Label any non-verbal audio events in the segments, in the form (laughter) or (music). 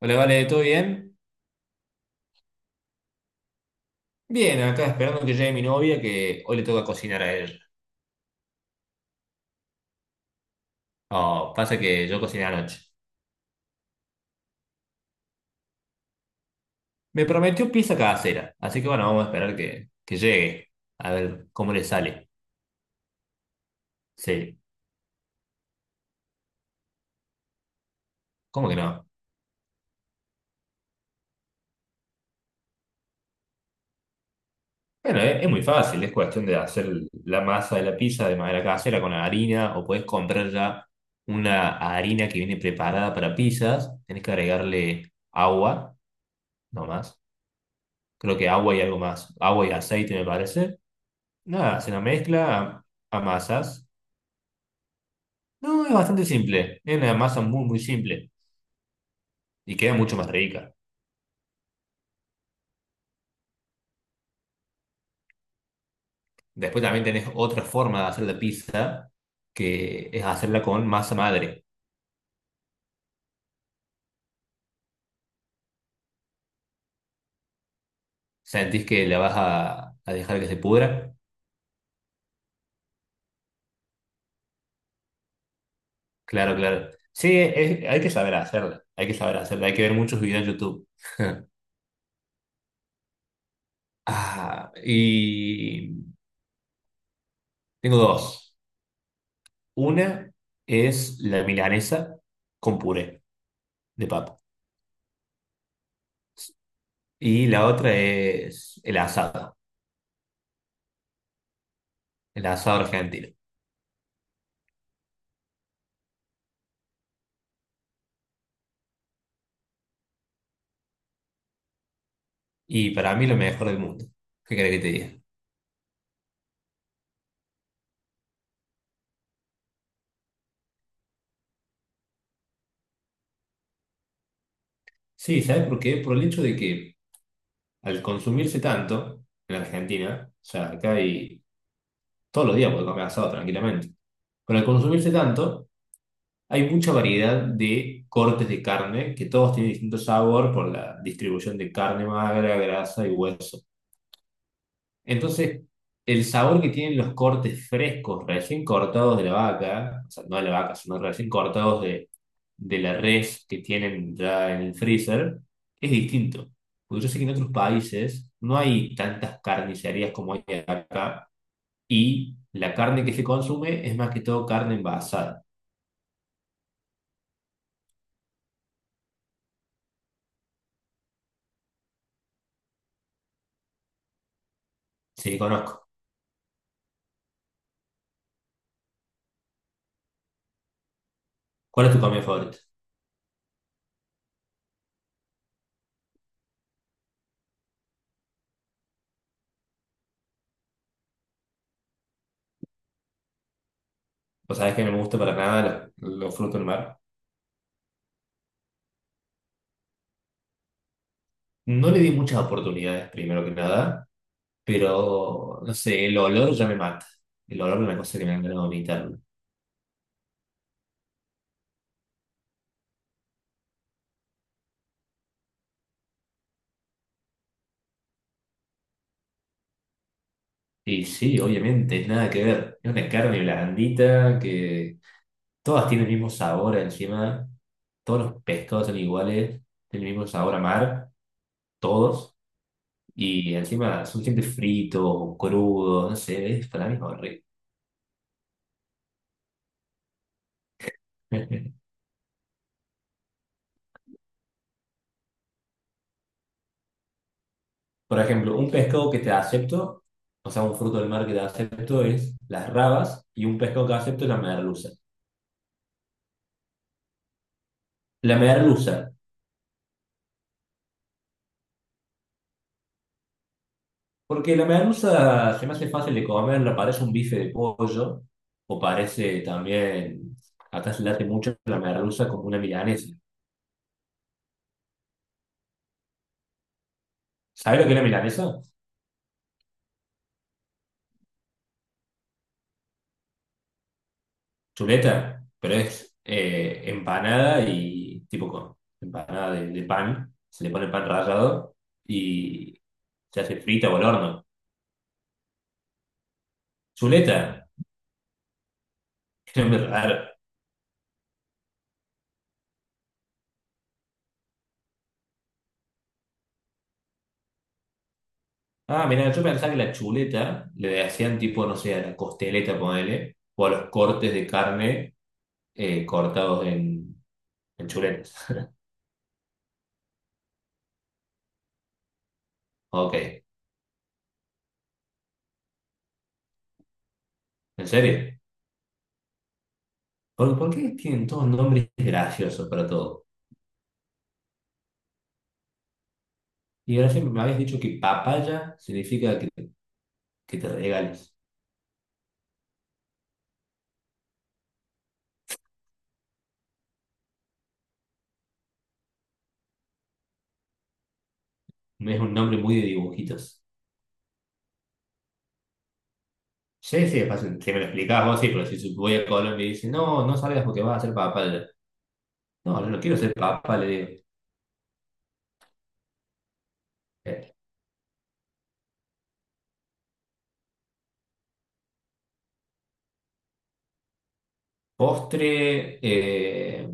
Hola, vale, ¿todo bien? Bien, acá esperando que llegue mi novia, que hoy le toca cocinar a ella. Oh, pasa que yo cociné anoche. Me prometió pizza casera, así que bueno, vamos a esperar que llegue, a ver cómo le sale. Sí, ¿cómo que no? Bueno, es muy fácil, es cuestión de hacer la masa de la pizza de manera casera con harina, o puedes comprar ya una harina que viene preparada para pizzas. Tenés que agregarle agua, no más. Creo que agua y algo más. Agua y aceite, me parece. Nada, se la mezcla, a amasas. No, es bastante simple. Es una masa muy, muy simple y queda mucho más rica. Después también tenés otra forma de hacer la pizza, que es hacerla con masa madre. ¿Sentís que la vas a dejar que se pudra? Claro, claro. Sí, hay que saber hacerla. Hay que saber hacerla. Hay que ver muchos videos en YouTube. Ah, y tengo dos. Una es la milanesa con puré de papa. Y la otra es el asado. El asado argentino. Y para mí lo mejor del mundo. ¿Qué querés que te diga? Sí, ¿sabes por qué? Por el hecho de que al consumirse tanto en Argentina, o sea, acá hay todos los días puedes comer asado tranquilamente, pero al consumirse tanto hay mucha variedad de cortes de carne que todos tienen distinto sabor por la distribución de carne magra, grasa y hueso. Entonces, el sabor que tienen los cortes frescos, recién cortados de la vaca, o sea, no de la vaca, sino recién cortados de la res que tienen ya en el freezer es distinto. Porque yo sé que en otros países no hay tantas carnicerías como hay acá y la carne que se consume es más que todo carne envasada. Sí, conozco. ¿Cuál es tu comida favorita? Pues sabes que no me gusta para nada los frutos del mar. No le di muchas oportunidades, primero que nada, pero no sé, el olor ya me mata. El olor es una cosa que me han ganado vomitar. Y sí, obviamente, nada que ver. Es una carne blandita que todas tienen el mismo sabor encima. Todos los pescados son iguales. Tienen el mismo sabor a mar. Todos. Y encima son siempre fritos o crudos. No sé, es para mí es horrible. (laughs) Por ejemplo, un pescado que te acepto, o sea, un fruto del mar que te acepto es las rabas y un pescado que acepto es la merluza. La merluza, porque la merluza se me hace fácil de comer, la parece un bife de pollo o parece también, acá se late mucho la merluza como una milanesa. ¿Sabes lo que es la milanesa? Chuleta, pero es empanada y tipo con empanada de pan, se le pone pan rallado y se hace frita o al horno. Chuleta, qué nombre raro. Ah, mira, yo pensaba que la chuleta le hacían tipo, no sé, a la costeleta, ponele, o a los cortes de carne cortados en chuletas. (laughs) Ok, ¿en serio? ¿Por qué tienen todos nombres graciosos para todo? Y ahora siempre me habéis dicho que papaya significa que te regales. Es un nombre muy de dibujitos. Sí, sí, es fácil. Si me lo explicás vos, sí, pero si su- voy a Colombia y dice, no, no salgas porque vas a ser papá. Le digo, no, yo no quiero ser papá, le digo. Eh, Postre,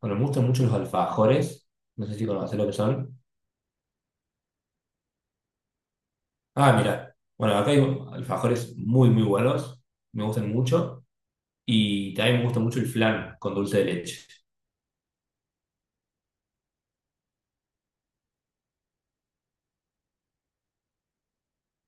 bueno, me gustan mucho los alfajores. No sé si conocés lo que son. Ah, mira. Bueno, acá hay alfajores muy, muy buenos. Me gustan mucho. Y también me gusta mucho el flan con dulce de leche.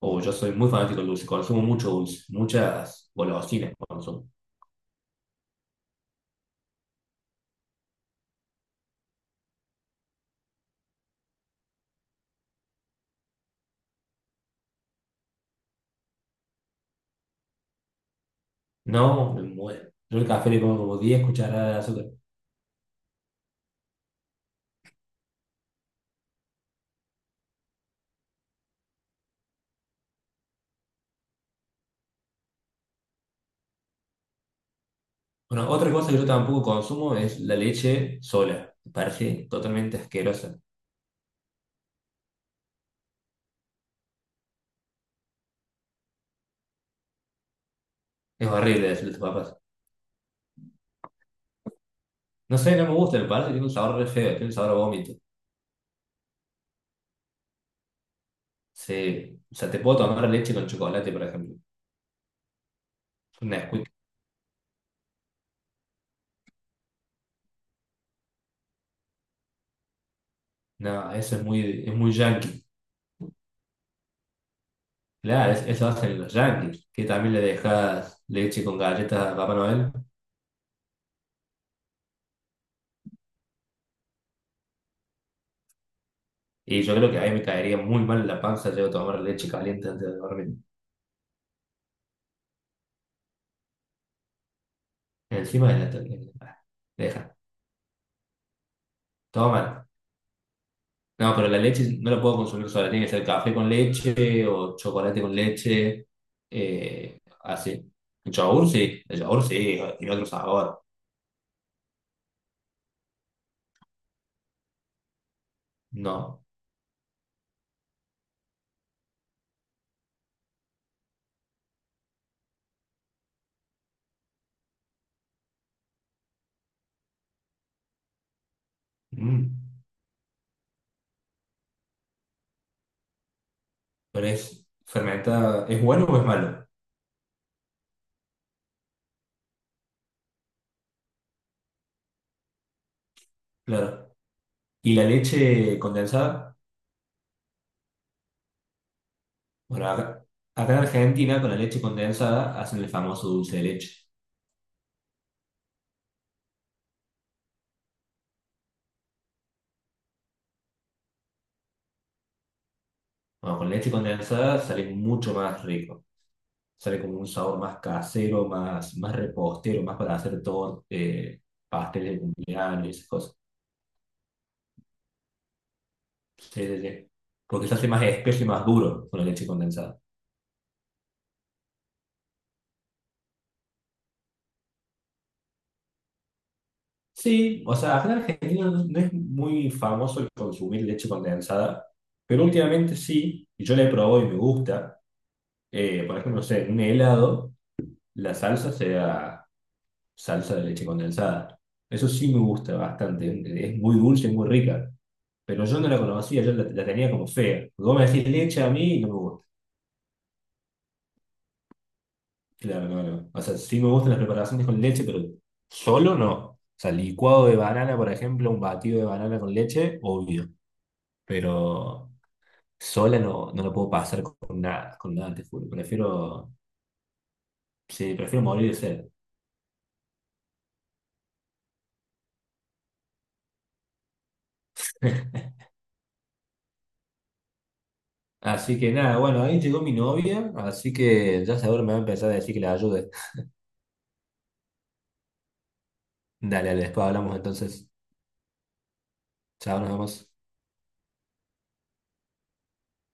O yo soy muy fanático del dulce. Consumo mucho dulce. Muchas golosinas consumo. No, me muero. Yo el café le pongo como 10 cucharadas de azúcar. Bueno, otra cosa que yo tampoco consumo es la leche sola. Me parece totalmente asquerosa. Es horrible decirle a tus papás. No sé, no me gusta, me parece que tiene un sabor re feo, tiene un sabor a vómito. Sí. O sea, te puedo tomar leche con chocolate, por ejemplo. Un Nesquik. No, eso es muy yankee. Claro, es- eso hacen los yankees, que también le dejas leche con galletas a Papá Noel. Y yo creo que ahí me caería muy mal en la panza, llego a tomar leche caliente antes de dormir. Encima de la tortilla, ah, deja. Toma. No, pero la leche no la puedo consumir sola. Tiene que ser café con leche o chocolate con leche. Así. El yogur sí. El yogur sí. Tiene otro sabor. No. Mm. Pero es fermentada. ¿Es bueno o es malo? Claro. ¿Y la leche condensada? Bueno, acá en Argentina con la leche condensada hacen el famoso dulce de leche. Bueno, con leche condensada sale mucho más rico. Sale como un sabor más casero, más, más repostero, más para hacer todo, pasteles de cumpleaños y esas cosas. Sí, sí, sí. Porque se hace más espeso y más duro con la leche condensada. Sí, o sea, acá en Argentina no, no es muy famoso el consumir leche condensada, pero últimamente sí, y yo la he probado y me gusta. Por ejemplo, no sé, en un helado, la salsa sea salsa de leche condensada. Eso sí me gusta bastante, es muy dulce, y muy rica. Pero yo no la conocía, yo la tenía como fea. Vos me decís leche a mí y no me gusta. Claro, no, no. O sea, sí me gustan las preparaciones con leche, pero solo no. O sea, licuado de banana, por ejemplo, un batido de banana con leche, obvio. Pero sola no, no lo puedo pasar con nada, te juro. Prefiero, sí, prefiero morir de sed. (laughs) Así que nada, bueno, ahí llegó mi novia, así que ya seguro me va a empezar a decir que la ayude. Dale, dale, después hablamos entonces. Chao, nos vemos.